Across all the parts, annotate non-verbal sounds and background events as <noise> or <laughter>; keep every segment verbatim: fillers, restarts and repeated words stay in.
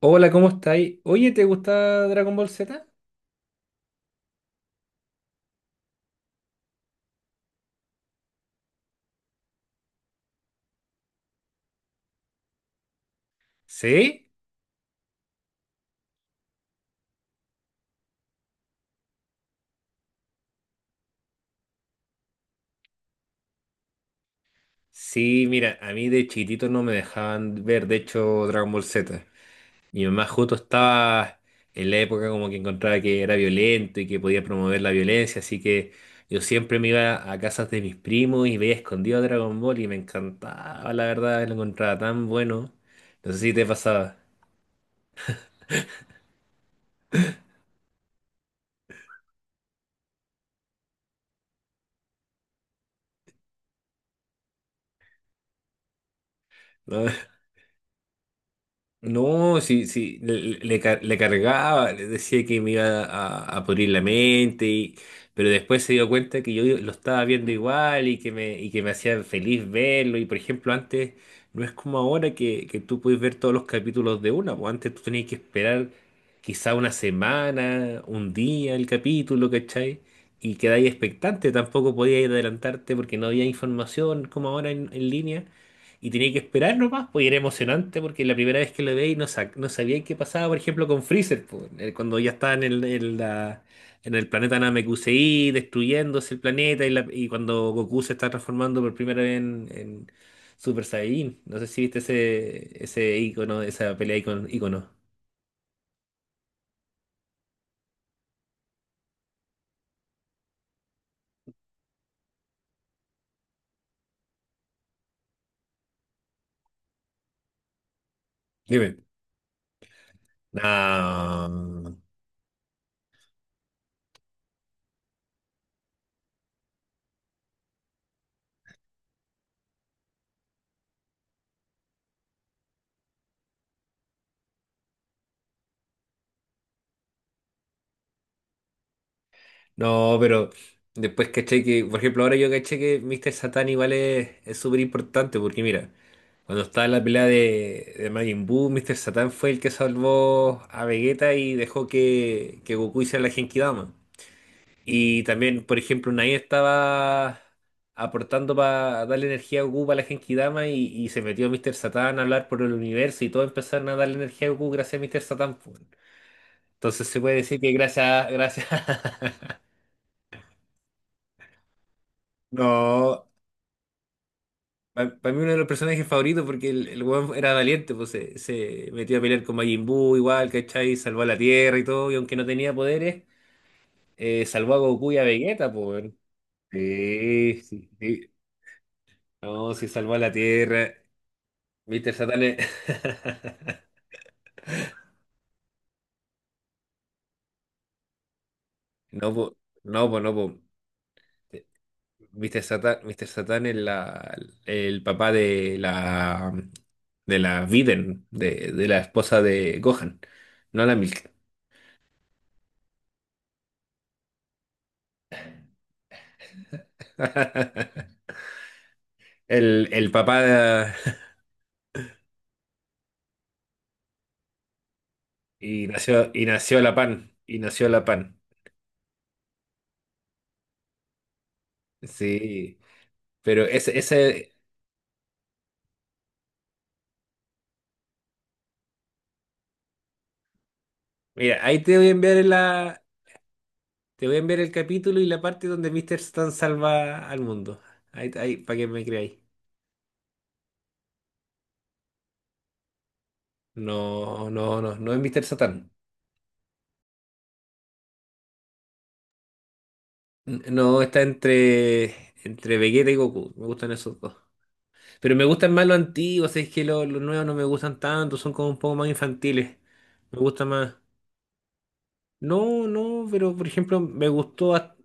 Hola, ¿cómo estáis? Oye, ¿te gusta Dragon Ball Z? ¿Sí? Sí, mira, a mí de chiquitito no me dejaban ver, de hecho, Dragon Ball Z. Mi mamá justo estaba en la época como que encontraba que era violento y que podía promover la violencia, así que yo siempre me iba a casas de mis primos y veía escondido Dragon Ball y me encantaba, la verdad, lo encontraba tan bueno. No sé si te pasaba, ¿no? <laughs> No, sí, sí, le, le car- le cargaba, le decía que me iba a, a pudrir la mente, y- pero después se dio cuenta que yo lo estaba viendo igual y que me, y que me hacía feliz verlo. Y por ejemplo, antes no es como ahora que, que tú puedes ver todos los capítulos de una, pues antes tú tenías que esperar quizá una semana, un día el capítulo, ¿cachai? Y quedáis expectante, tampoco podías adelantarte porque no había información como ahora en en línea. Y tenía que esperar nomás, pues y era emocionante porque la primera vez que lo veía y no, sa- no sabía qué pasaba, por ejemplo, con Freezer, pues, eh, cuando ya estaba en el, en la- en el planeta Namekusei, destruyéndose el planeta y, la- y cuando Goku se está transformando por primera vez en, en Super Saiyajin. No sé si viste ese, ese icono, esa pelea icono, icono. Dime. No. No, pero después caché que, por ejemplo, ahora yo caché que míster Satan igual es es súper importante porque mira, cuando estaba la pelea de, de Majin Buu, míster Satan fue el que salvó a Vegeta y dejó que, que Goku hiciera la Genkidama. Y también, por ejemplo, Nai estaba aportando para darle energía a Goku para la Genkidama y, y se metió míster Satan a hablar por el universo y todo empezaron a darle energía a Goku gracias a míster Satan, pues. Entonces se puede decir que gracias, gracias. <laughs> No. Para mí uno de los personajes favoritos porque el, el weón era valiente, pues se, se metió a pelear con Majin Buu igual, ¿cachai? Salvó a la Tierra y todo, y aunque no tenía poderes, eh, salvó a Goku y a Vegeta, pues, weón. Sí, sí, sí. No, sí salvó a la Tierra. míster Satan es- <laughs> No, pues, no, pues, no, pues. míster Satan, míster Satan es la, el papá de la de la Viden, de, de la esposa de Gohan, no la Milk. <laughs> El, el papá de- <laughs> y nació, y nació la pan, y nació la pan. Sí, pero ese, ese, mira, ahí te voy a enviar la, te voy a enviar el capítulo y la parte donde míster Satan salva al mundo. Ahí, ahí, para que me creáis. No, no, no, no es míster Satan. N- No, está entre, entre Vegeta y Goku. Me gustan esos dos. Pero me gustan más los antiguos, es que los, los nuevos no me gustan tanto, son como un poco más infantiles. Me gusta más. No, no, pero por ejemplo, me gustó, hasta-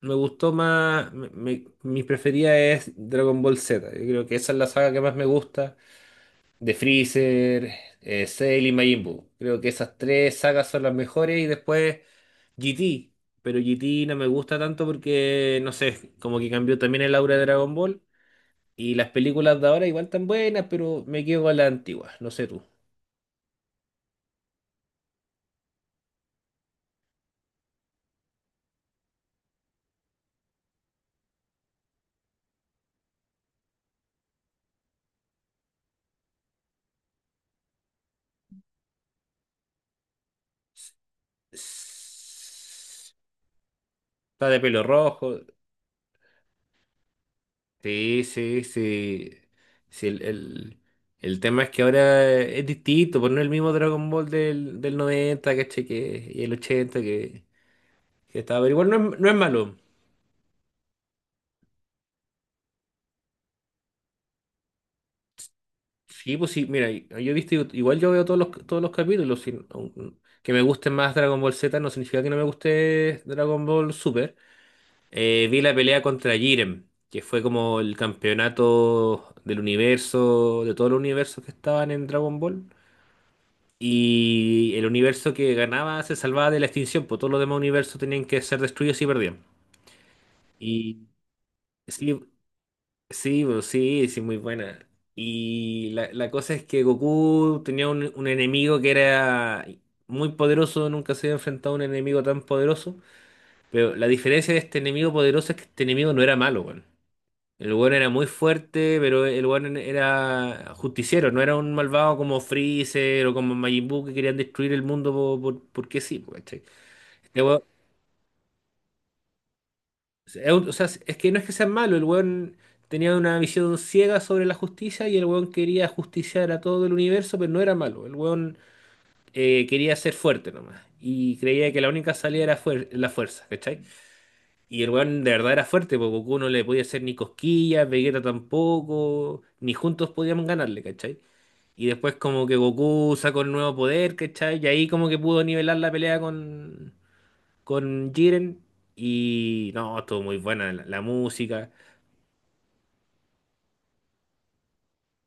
me gustó más, me- me- mi preferida es Dragon Ball Z. Yo creo que esa es la saga que más me gusta. De Freezer, eh, Cell y Majin Buu. Creo que esas tres sagas son las mejores y después G T. Pero G T no me gusta tanto porque, no sé, como que cambió también el aura de Dragon Ball. Y las películas de ahora igual tan buenas, pero me quedo con las antiguas, no sé tú. Está de pelo rojo. Sí, sí, sí. Sí, el, el- el tema es que ahora es distinto, pues no es el mismo Dragon Ball del, del noventa, ¿cachai? Que, y el ochenta que, que estaba. Pero igual no es, no es malo. Sí, pues sí, mira, yo he visto, igual yo veo todos los, todos los capítulos. Sin- aun- que me guste más Dragon Ball Z no significa que no me guste Dragon Ball Super. Eh, vi la pelea contra Jiren, que fue como el campeonato del universo, de todos los universos que estaban en Dragon Ball. Y el universo que ganaba se salvaba de la extinción, pues todos los demás universos tenían que ser destruidos y perdían. Y sí, sí, pues, sí, sí, muy buena. Y la, la cosa es que Goku tenía un, un enemigo que era muy poderoso, nunca se había enfrentado a un enemigo tan poderoso. Pero la diferencia de este enemigo poderoso es que este enemigo no era malo, weón. El weón era muy fuerte, pero el weón era justiciero, no era un malvado como Freezer o como Majin Buu que querían destruir el mundo po- por- porque sí, po, ¿cachai? Este weón- es un- o sea, es que no es que sea malo, el weón tenía una visión ciega sobre la justicia y el weón quería justiciar a todo el universo, pero no era malo, el weón eh, quería ser fuerte nomás y creía que la única salida era fuer- la fuerza, ¿cachai? Y el weón de verdad era fuerte, porque Goku no le podía hacer ni cosquillas, Vegeta tampoco, ni juntos podíamos ganarle, ¿cachai? Y después como que Goku sacó el nuevo poder, ¿cachai? Y ahí como que pudo nivelar la pelea con, con Jiren. Y no, estuvo muy buena la, la música.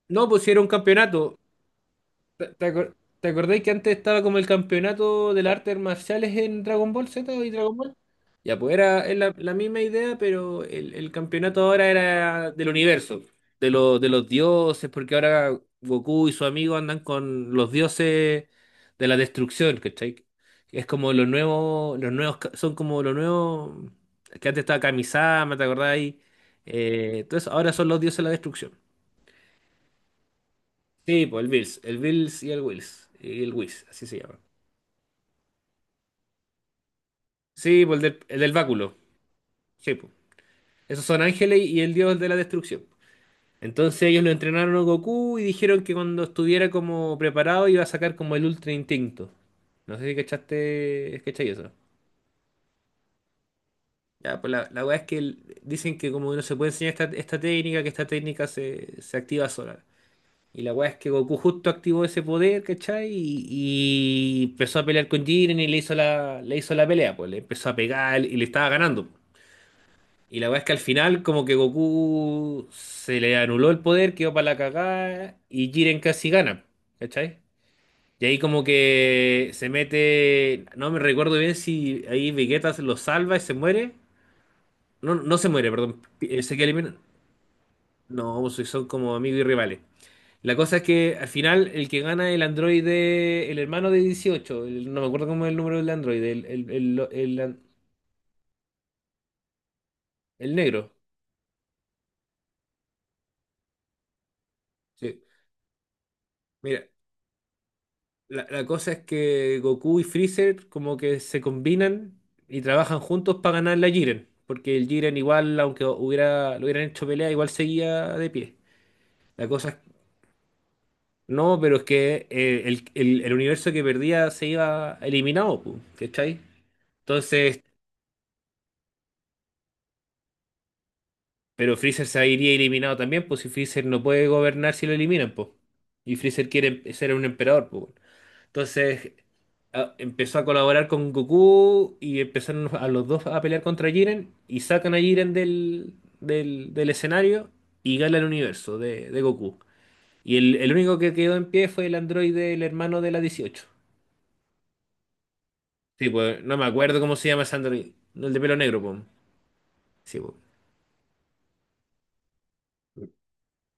No, pues sí, era un campeonato. ¿Te, te acor- te acordáis que antes estaba como el campeonato de las artes marciales en Dragon Ball Z y Dragon Ball? Ya, pues era, es la, la misma idea, pero el, el campeonato ahora era del universo, de, lo- de los dioses, porque ahora Goku y su amigo andan con los dioses de la destrucción, ¿cachai? Es como los nuevos, los nuevos, ca- son como los nuevos, que antes estaba Kamisama, ¿te acordáis? Eh, entonces ahora son los dioses de la destrucción. Sí, pues el Bills, el Bills y el Wills, y el Whis, así se llama. Sí, pues el del, el del báculo, sí, pues. Esos son ángeles y el dios de la destrucción. Entonces ellos lo entrenaron a Goku y dijeron que cuando estuviera como preparado iba a sacar como el Ultra Instinto. No sé si cachaste, cachai eso. Ya, pues la, la weá es que el- dicen que como no se puede enseñar esta, esta técnica, que esta técnica se, se activa sola. Y la weá es que Goku justo activó ese poder, ¿cachai? Y, y empezó a pelear con Jiren y le hizo la, le hizo la pelea, pues le empezó a pegar y le estaba ganando. Y la weá es que al final como que Goku se le anuló el poder, quedó para la cagada y Jiren casi gana, ¿cachai? Y ahí como que se mete, no me recuerdo bien si ahí Vegeta se lo salva y se muere. No, no se muere, perdón. Eh, Se queda eliminado. No, pues son como amigos y rivales. La cosa es que al final el que gana es el androide, el hermano de dieciocho el- no me acuerdo cómo es el número del androide, el, el, el, el an- el negro. Sí. Mira, la, la cosa es que Goku y Freezer como que se combinan y trabajan juntos para ganar la Jiren, porque el Jiren igual, aunque hubiera, lo hubieran hecho pelea, igual seguía de pie. La cosa es, no, pero es que eh, el, el- el universo que perdía se iba eliminado, pu, ¿cachai? Entonces, pero Freezer se iría eliminado también, pues si Freezer no puede gobernar si lo eliminan, pues. Y Freezer quiere em- ser un emperador, pues, bueno. Entonces a- empezó a colaborar con Goku y empezaron a los dos a pelear contra Jiren y sacan a Jiren del, del, del escenario y gana el universo de, de Goku. Y el, el único que quedó en pie fue el androide, el hermano de la dieciocho. Sí, pues no me acuerdo cómo se llama ese androide. No, el de pelo negro, pues. Sí, pues.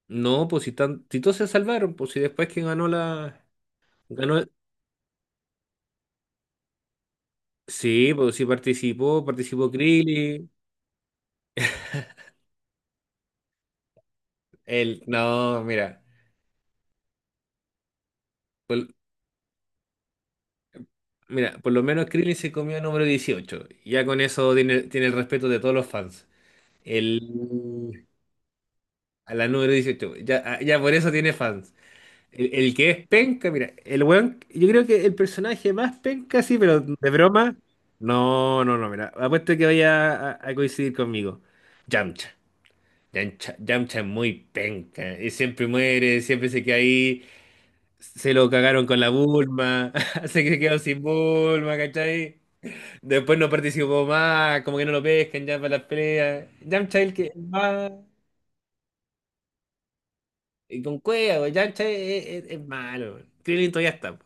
No, pues si, tan, si todos se salvaron, pues si después que ganó la... Ganó. Sí, pues sí participó, participó Krillin. El, no, mira, por, mira, por lo menos Krillin se comió el número dieciocho. Ya con eso tiene, tiene, el respeto de todos los fans. El, a la número dieciocho, ya, ah, ya por eso tiene fans. El, el que es penca, mira, el weón, yo creo que el personaje más penca, sí, pero de broma, no, no, no, mira, apuesto que vaya a, a coincidir conmigo. Yamcha. Yamcha, Yamcha es muy penca, y siempre muere, siempre se queda ahí. Se lo cagaron con la Bulma, <laughs> se que- quedó sin Bulma, ¿cachai? Después no participó más, como que no lo pescan ya para las peleas. Yamcha es el que es más. Y con cueva, güey, Yamcha es, es- es malo. Krillin todavía está, po.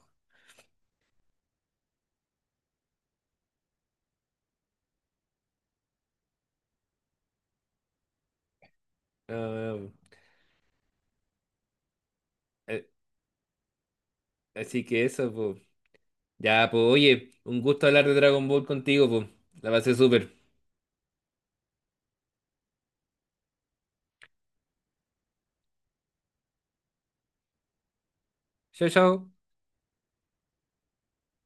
No, no, no. eh, Así que eso, pues. Ya, pues, oye, un gusto hablar de Dragon Ball contigo, pues. La pasé súper. Chao, chao.